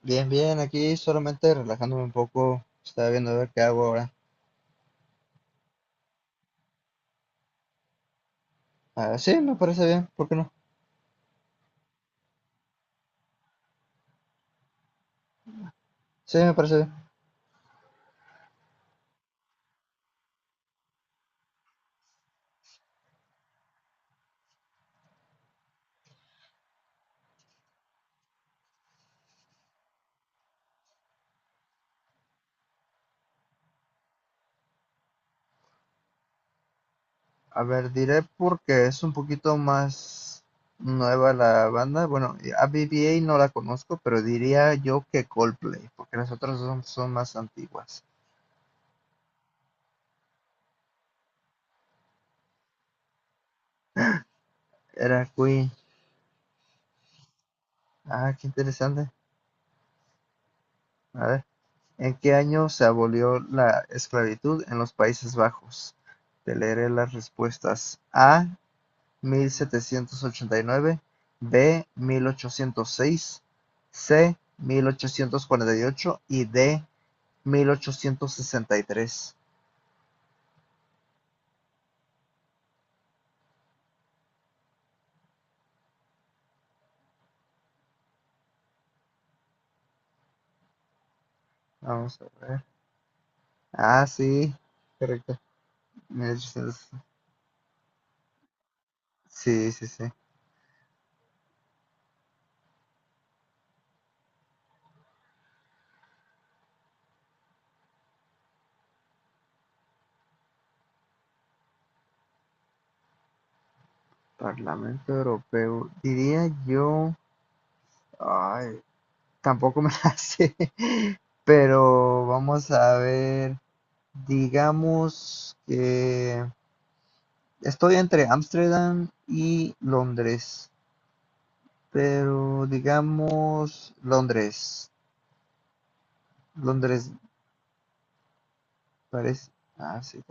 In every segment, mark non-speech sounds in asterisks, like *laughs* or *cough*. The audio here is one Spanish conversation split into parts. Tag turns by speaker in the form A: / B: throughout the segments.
A: Bien, bien, aquí solamente relajándome un poco, estaba viendo a ver qué hago ahora. Ah, sí, me parece bien, ¿por qué no? Sí, me parece bien. A ver, diré porque es un poquito más nueva la banda. Bueno, y a BBA no la conozco, pero diría yo que Coldplay, porque las otras son más antiguas. Era Queen. Ah, qué interesante. A ver, ¿en qué año se abolió la esclavitud en los Países Bajos? Te leeré las respuestas. A, mil setecientos ochenta y nueve; b. mil ochocientos seis; c. mil ochocientos cuarenta y ocho; y d. mil ochocientos sesenta y tres. Vamos a ver. Ah, sí, correcto. 1800. Sí, sí, sí. Parlamento Europeo. Diría yo. Ay, tampoco me la sé. *laughs* Pero vamos a ver. Digamos que estoy entre Ámsterdam y Londres. Pero digamos Londres. Londres parece. Ah, sí.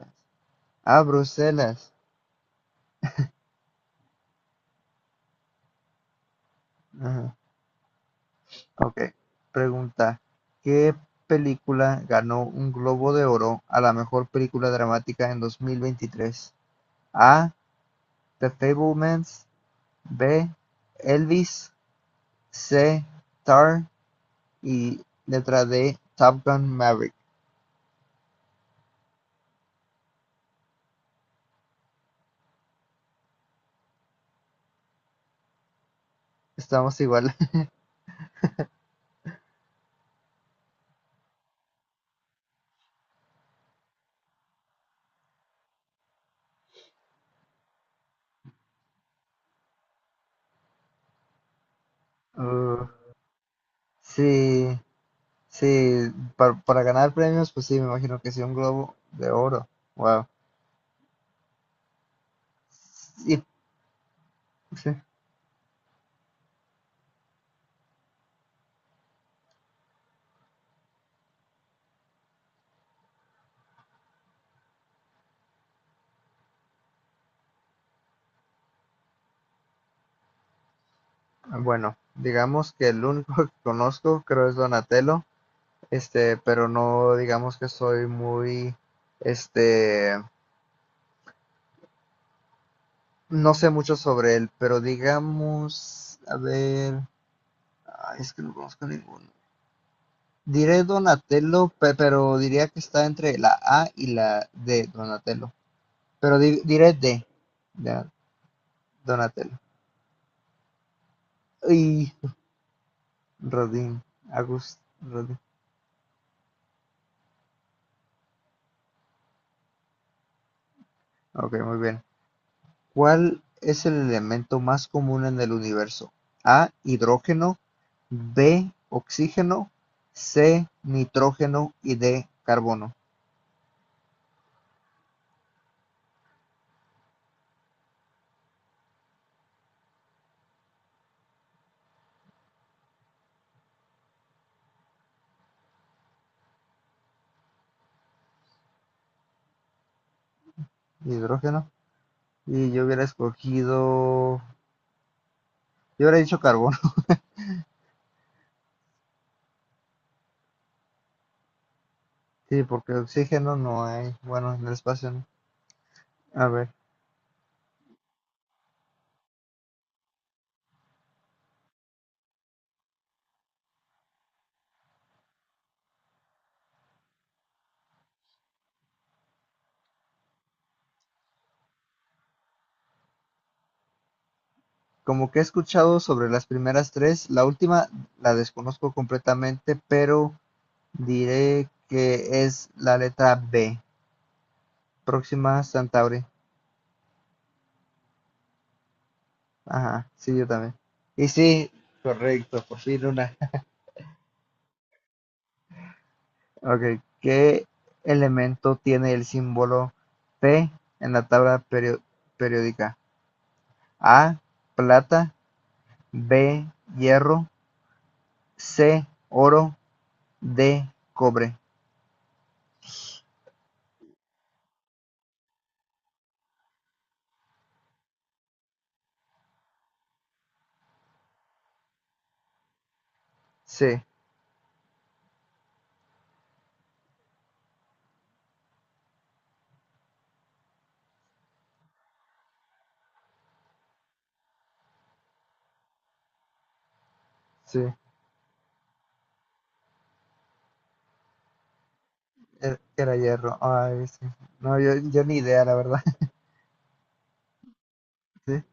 A: Ah, Bruselas. Ajá. Ok. Pregunta. ¿Qué película ganó un Globo de Oro a la mejor película dramática en 2023? A. The Fablemans. B. Elvis. C. Tar. Y letra D. Top Gun Maverick. Estamos igual. *laughs* Uh, sí. Sí, para ganar premios, pues sí, me imagino que sí, un globo de oro. Wow. Sí, sí. Bueno, digamos que el único *laughs* que conozco creo es Donatello, pero no digamos que soy muy, este, no sé mucho sobre él, pero digamos, a ver, ay, es que no conozco ninguno. Diré Donatello, pero diría que está entre la A y la D, Donatello. Pero diré D, ya, Donatello. Rodin, August Rodin. Ok, muy bien. ¿Cuál es el elemento más común en el universo? A, hidrógeno, B, oxígeno, C, nitrógeno y D, carbono. Hidrógeno. Y yo hubiera escogido... Yo hubiera dicho carbono. *laughs* Sí, porque oxígeno no hay. Bueno, en el espacio no. A ver. Como que he escuchado sobre las primeras tres, la última la desconozco completamente, pero diré que es la letra B, próxima a Centauri. Ajá, sí, yo también. Y sí, correcto, por fin una. *laughs* Ok, ¿qué elemento tiene el símbolo P en la tabla periódica? A, plata, B, hierro, C, oro, D, cobre. Sí, sí, era hierro. Ay, sí. No, yo ni idea, la verdad. *laughs* Sí.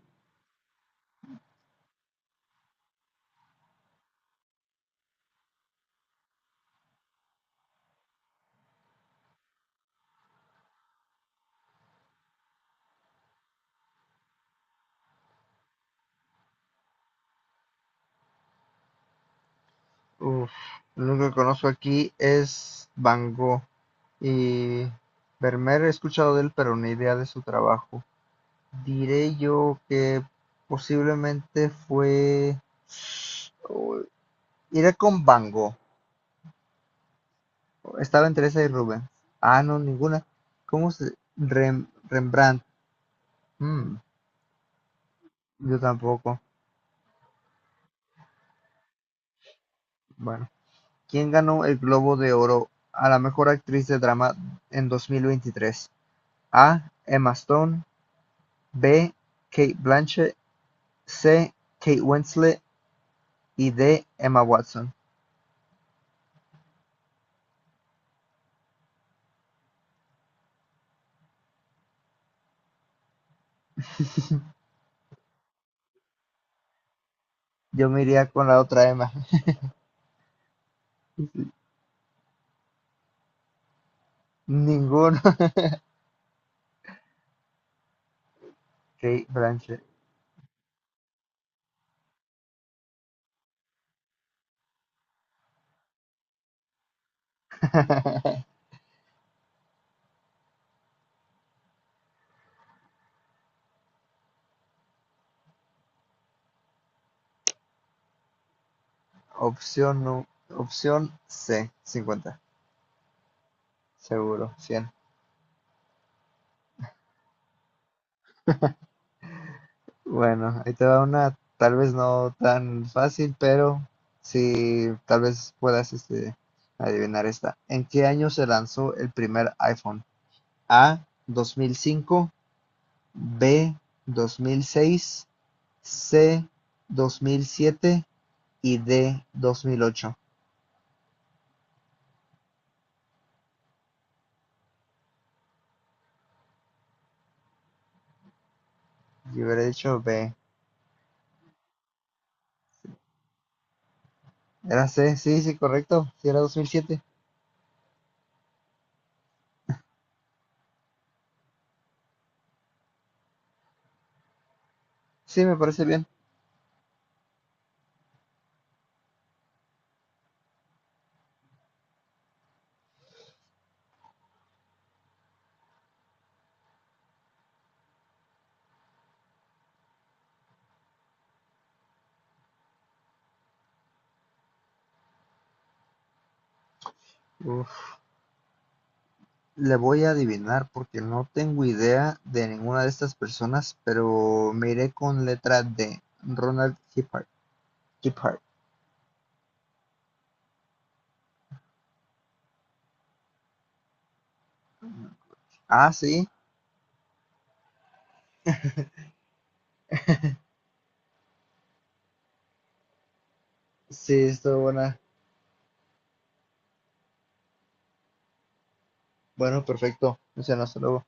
A: Uf, lo único que conozco aquí es Van Gogh y Vermeer, he escuchado de él, pero ni idea de su trabajo. Diré yo que posiblemente fue... oh, iré con Van Gogh. Estaba entre esa y Rubens. Ah, no, ninguna. ¿Cómo se...? Rembrandt. Mm, yo tampoco. Bueno, ¿quién ganó el Globo de Oro a la mejor actriz de drama en 2023? A. Emma Stone. B. Kate Blanchett. C. Kate Winslet y D. Emma Watson. Yo me iría con la otra Emma. *laughs* Ninguno. *laughs* Kate Blanchett. *laughs* Opción, no. Opción C. 50. Seguro. 100. Bueno, ahí te va una tal vez no tan fácil, pero sí, tal vez puedas adivinar esta. ¿En qué año se lanzó el primer iPhone? A. 2005. B. 2006. C. 2007 y D dos mil ocho. Yo hubiera dicho B. Era C, sí, sí, correcto. Si era 2007. Sí, me parece bien. Uf, le voy a adivinar porque no tengo idea de ninguna de estas personas, pero me iré con letra D. Ronald Giphart. Giphart. Ah, sí. *laughs* Sí, estuvo buena. Bueno, perfecto. O sea, no, hasta luego.